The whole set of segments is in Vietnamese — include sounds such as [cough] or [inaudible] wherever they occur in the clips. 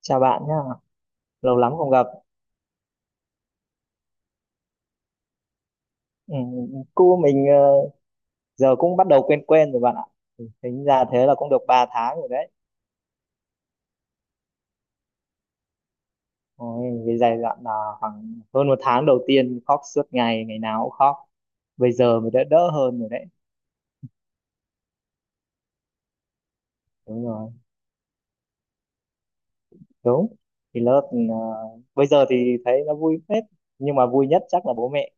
Chào bạn nhá, lâu lắm không gặp. Ừ, cu mình giờ cũng bắt đầu quen quen rồi bạn ạ. Ừ, tính ra thế là cũng được 3 tháng rồi đấy. Ôi, cái giai đoạn là khoảng hơn một tháng đầu tiên khóc suốt ngày, ngày nào cũng khóc. Bây giờ mới đã đỡ hơn rồi đấy. Đúng rồi, đúng. Thì lớp bây giờ thì thấy nó vui phết, nhưng mà vui nhất chắc là bố mẹ,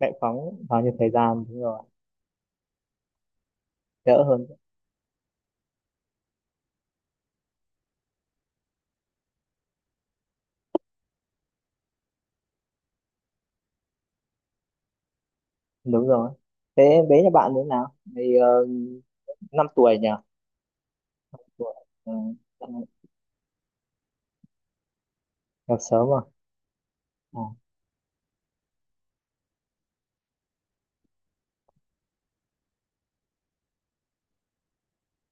mẹ phóng bao nhiêu thời gian, đúng rồi, đỡ hơn. Đúng rồi. Thế bé nhà bạn như thế nào? Thì 5 tuổi nhỉ? Tuổi. Ừ. Đợt sớm à? Ờ.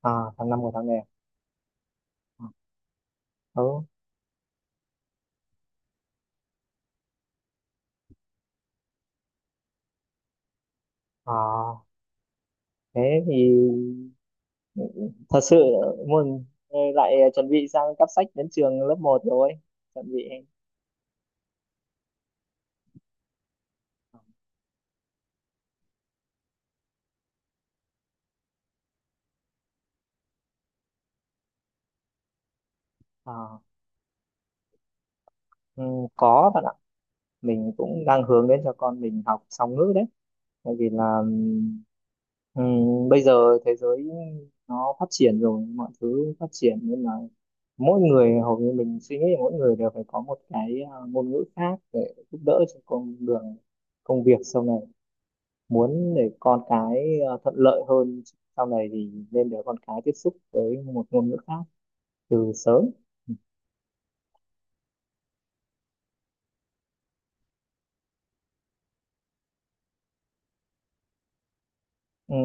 À, tháng 5 của tháng này. À? Ờ. Ừ. À, thế thì thật sự muốn lại chuẩn bị sang cắp sách đến trường lớp một rồi. Chuẩn bị. À, ừ, có bạn ạ. Mình cũng đang hướng đến cho con mình học song ngữ đấy. Tại vì là bây giờ thế giới nó phát triển rồi, mọi thứ phát triển nên là mỗi người, hầu như mình suy nghĩ là mỗi người đều phải có một cái ngôn ngữ khác để giúp đỡ cho con đường công việc sau này. Muốn để con cái thuận lợi hơn sau này thì nên để con cái tiếp xúc với một ngôn ngữ khác từ sớm. Ừ,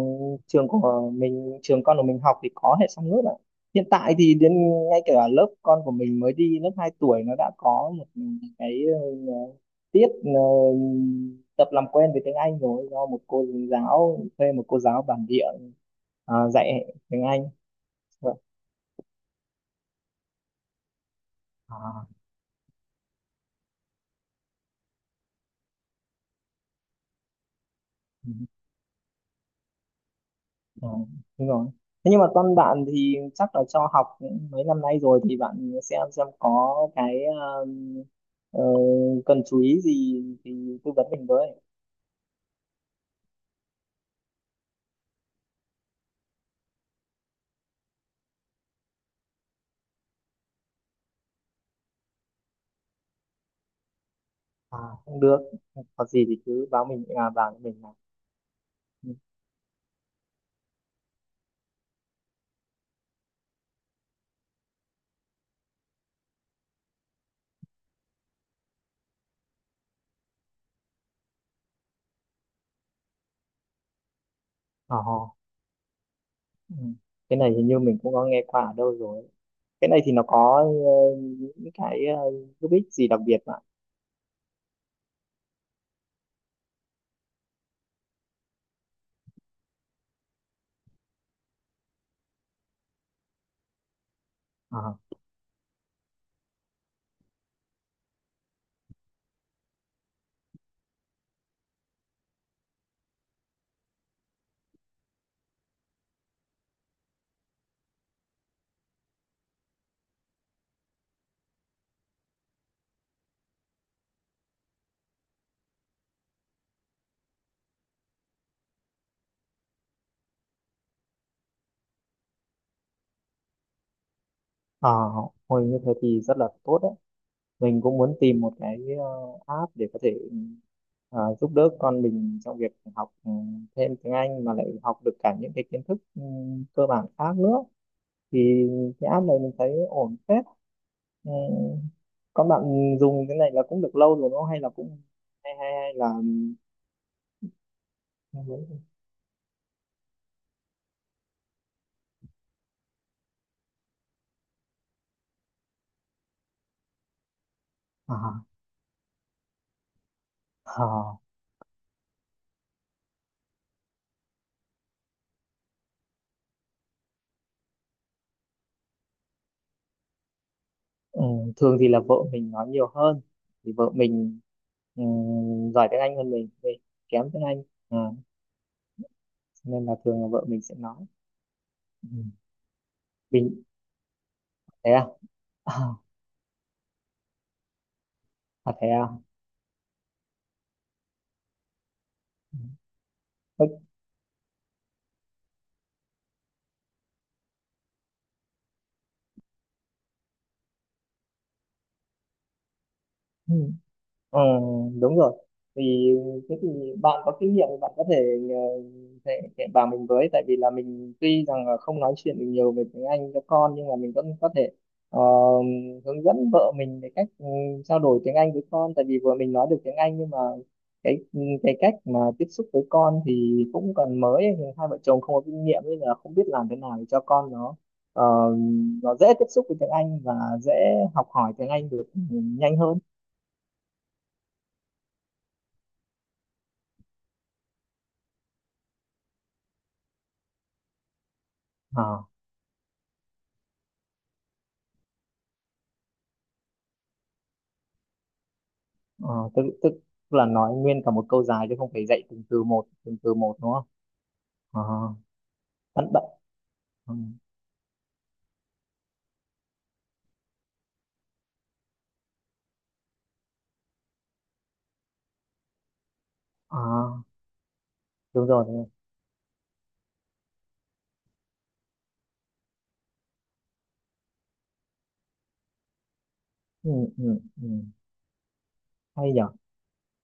trường của mình, trường con của mình học thì có hệ song ngữ ạ. Hiện tại thì đến ngay cả lớp con của mình mới đi lớp 2 tuổi nó đã có một cái ờ, tiết tập làm quen với tiếng Anh rồi, do một cô giáo, thuê một cô giáo bản địa dạy tiếng Anh. Vâng. À, ừ, ừ, đúng rồi. Thế nhưng mà con bạn thì chắc là cho học cũng mấy năm nay rồi thì bạn xem có cái ờ, cần chú ý gì thì tư vấn mình với. À, cũng được. Có gì thì cứ báo mình, bảo mình là ừ. Ờ, ờ. Ừ. Cái này hình như mình cũng có nghe qua ở đâu rồi. Cái này thì nó có những cái uh, giúp ích gì đặc biệt mà? Ờ, ờ, hồi như thế thì rất là tốt đấy. Mình cũng muốn tìm một cái app để có thể ờ, giúp đỡ con mình trong việc học, ừ, thêm tiếng Anh mà lại học được cả những cái kiến thức ừ, cơ bản khác nữa. Thì cái app này mình thấy ổn phết. Ừ. Có bạn dùng cái này là cũng được lâu rồi đúng không? Hay là cũng hay hay hay là à, à, ừ. Thường thì là vợ mình nói nhiều hơn, thì vợ mình ừ, giỏi tiếng Anh hơn mình kém tiếng Anh, à, cho nên là thường là vợ mình sẽ nói ừ. Mình thế à. À, à thế à. Ừ. Ờ, đúng rồi. Vì thế thì bạn có kinh nghiệm thì bạn có thể ờ, thể thể bảo mình với, tại vì là mình tuy rằng là không nói chuyện được nhiều về tiếng Anh cho con nhưng mà mình vẫn có thể ờ, hướng dẫn vợ mình về cách ừ, trao đổi tiếng Anh với con, tại vì vừa mình nói được tiếng Anh nhưng mà cái cái cách mà tiếp xúc với con thì cũng còn mới thì hai vợ chồng không có kinh nghiệm, nên là không biết làm thế nào để cho con nó ờ, nó dễ tiếp xúc với tiếng Anh và dễ học hỏi tiếng Anh được ừ, nhanh hơn. Ờ. Ờ, tức tức là nói nguyên cả một câu dài chứ không phải dạy từng từ một, từng từ một, đúng không? À, bắt bậy ừ. À, đúng rồi, đúng rồi. Ừ, ừ, ừ. Hay nhở.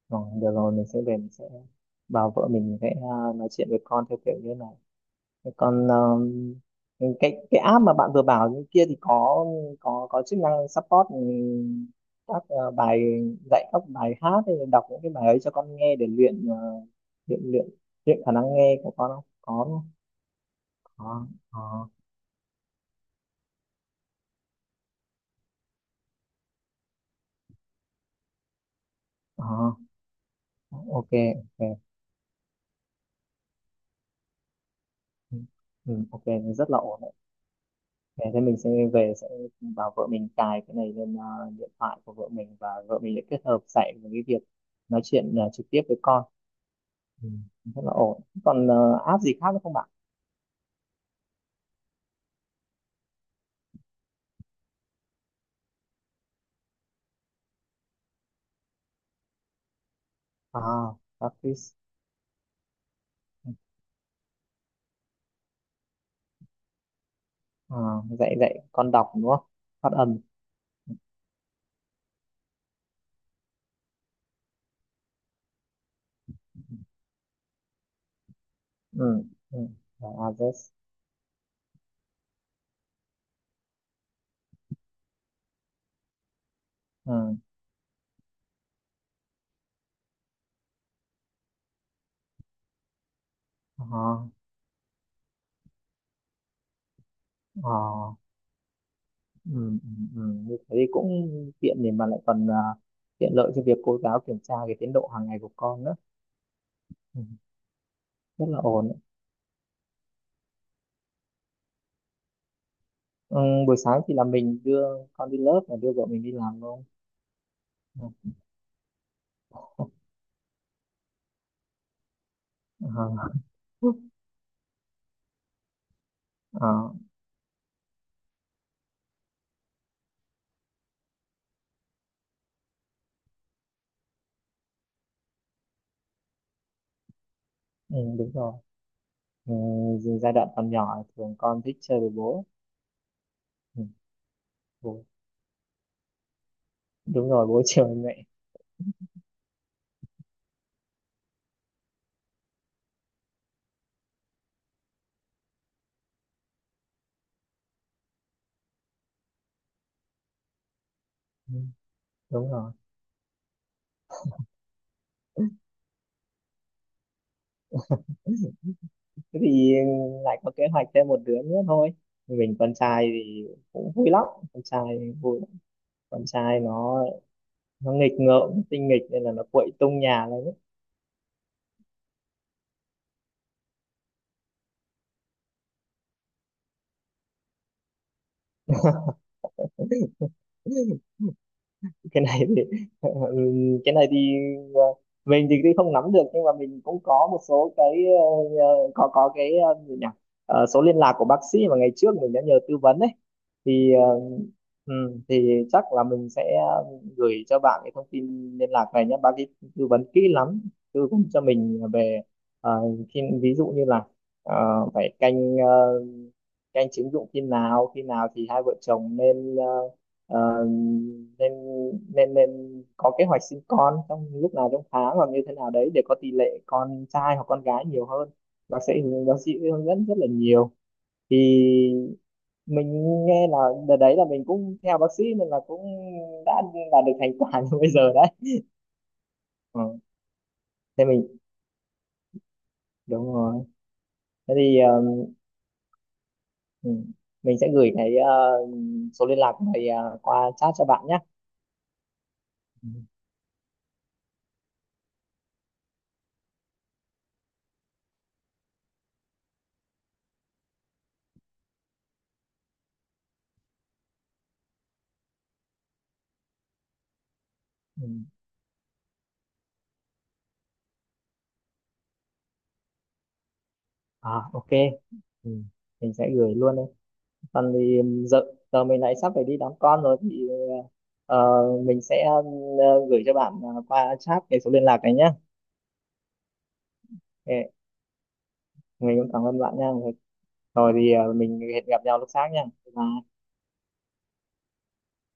Rồi, được rồi, mình sẽ về mình sẽ bảo vợ mình sẽ nói chuyện với con theo kiểu như này. Thế còn cái app mà bạn vừa bảo như kia thì có, có chức năng support ừ, các ờ, bài dạy, các bài hát, hay là đọc những cái bài ấy cho con nghe để luyện luyện luyện luyện khả năng nghe của con không? Có. Đó, ờ, ờ, ờ, ok, ok, ừ, ok, rất là ổn đấy. Thế thế mình sẽ về sẽ bảo vợ mình cài cái này lên điện thoại của vợ mình, và vợ mình sẽ kết hợp dạy với cái việc nói chuyện trực tiếp với con. Ừ, rất là ổn. Còn app gì khác nữa không bạn? À practice. À, dạy dạy con đọc đúng không? Phát âm. Ừ, ừ. Rồi, address. Ừ. Ờ, ờ. Ừ, ừ, ừ. Như thế thì cũng tiện, để mà lại còn tiện lợi cho việc cô giáo kiểm tra cái tiến độ hàng ngày của con nữa. Ừ, rất là ổn. Ừ, buổi sáng thì là mình đưa con đi lớp và đưa vợ mình đi làm luôn. Ừ. Ờ, [laughs] ờ, ừ, đúng rồi. Ừ, dù giai đoạn còn nhỏ thường con thích chơi với bố. Ừ, bố, đúng rồi, bố chơi với mẹ. Ừ, đúng rồi. Thế thì lại có kế hoạch thêm một đứa nữa thôi. Mình con trai thì cũng vui lắm, con trai vui lắm. Con trai nó nghịch ngợm tinh nghịch nên là nó quậy tung nhà lên. [laughs] Cái này thì [laughs] ừ, cái này thì ờ, mình thì cũng không nắm được nhưng mà mình cũng có một số cái có cái ờ, gì nhỉ. Ờ, số liên lạc của bác sĩ mà ngày trước mình đã nhờ tư vấn ấy, thì ừ, thì chắc là mình sẽ gửi cho bạn cái thông tin liên lạc này nhé, bác ấy tư vấn kỹ lắm, tư vấn cho mình về ờ, khi ví dụ như là ờ, phải canh các anh chứng dụng khi nào, khi nào thì hai vợ chồng nên ờ, nên nên có kế hoạch sinh con trong lúc nào trong tháng, hoặc như thế nào đấy để có tỷ lệ con trai hoặc con gái nhiều hơn. Bác sĩ, bác sĩ hướng dẫn rất là nhiều. Thì mình nghe là đợt đấy là mình cũng theo bác sĩ nên là cũng đã đạt được thành quả [laughs] như bây giờ đấy. Ừ. Thế mình đúng rồi. Thế thì ừ, mình sẽ gửi cái số liên lạc này ờ, qua chat cho bạn nhé. Ừ. Ừ. À ok, ừ. Mình sẽ gửi luôn đấy. Còn thì giờ, giờ mình lại sắp phải đi đón con rồi, thì ờ, mình sẽ gửi cho bạn ờ, qua chat cái số liên lạc này nhé. Ok. Mình cũng cảm ơn bạn nha. Rồi thì ờ, mình hẹn gặp nhau lúc sáng nha. Bye.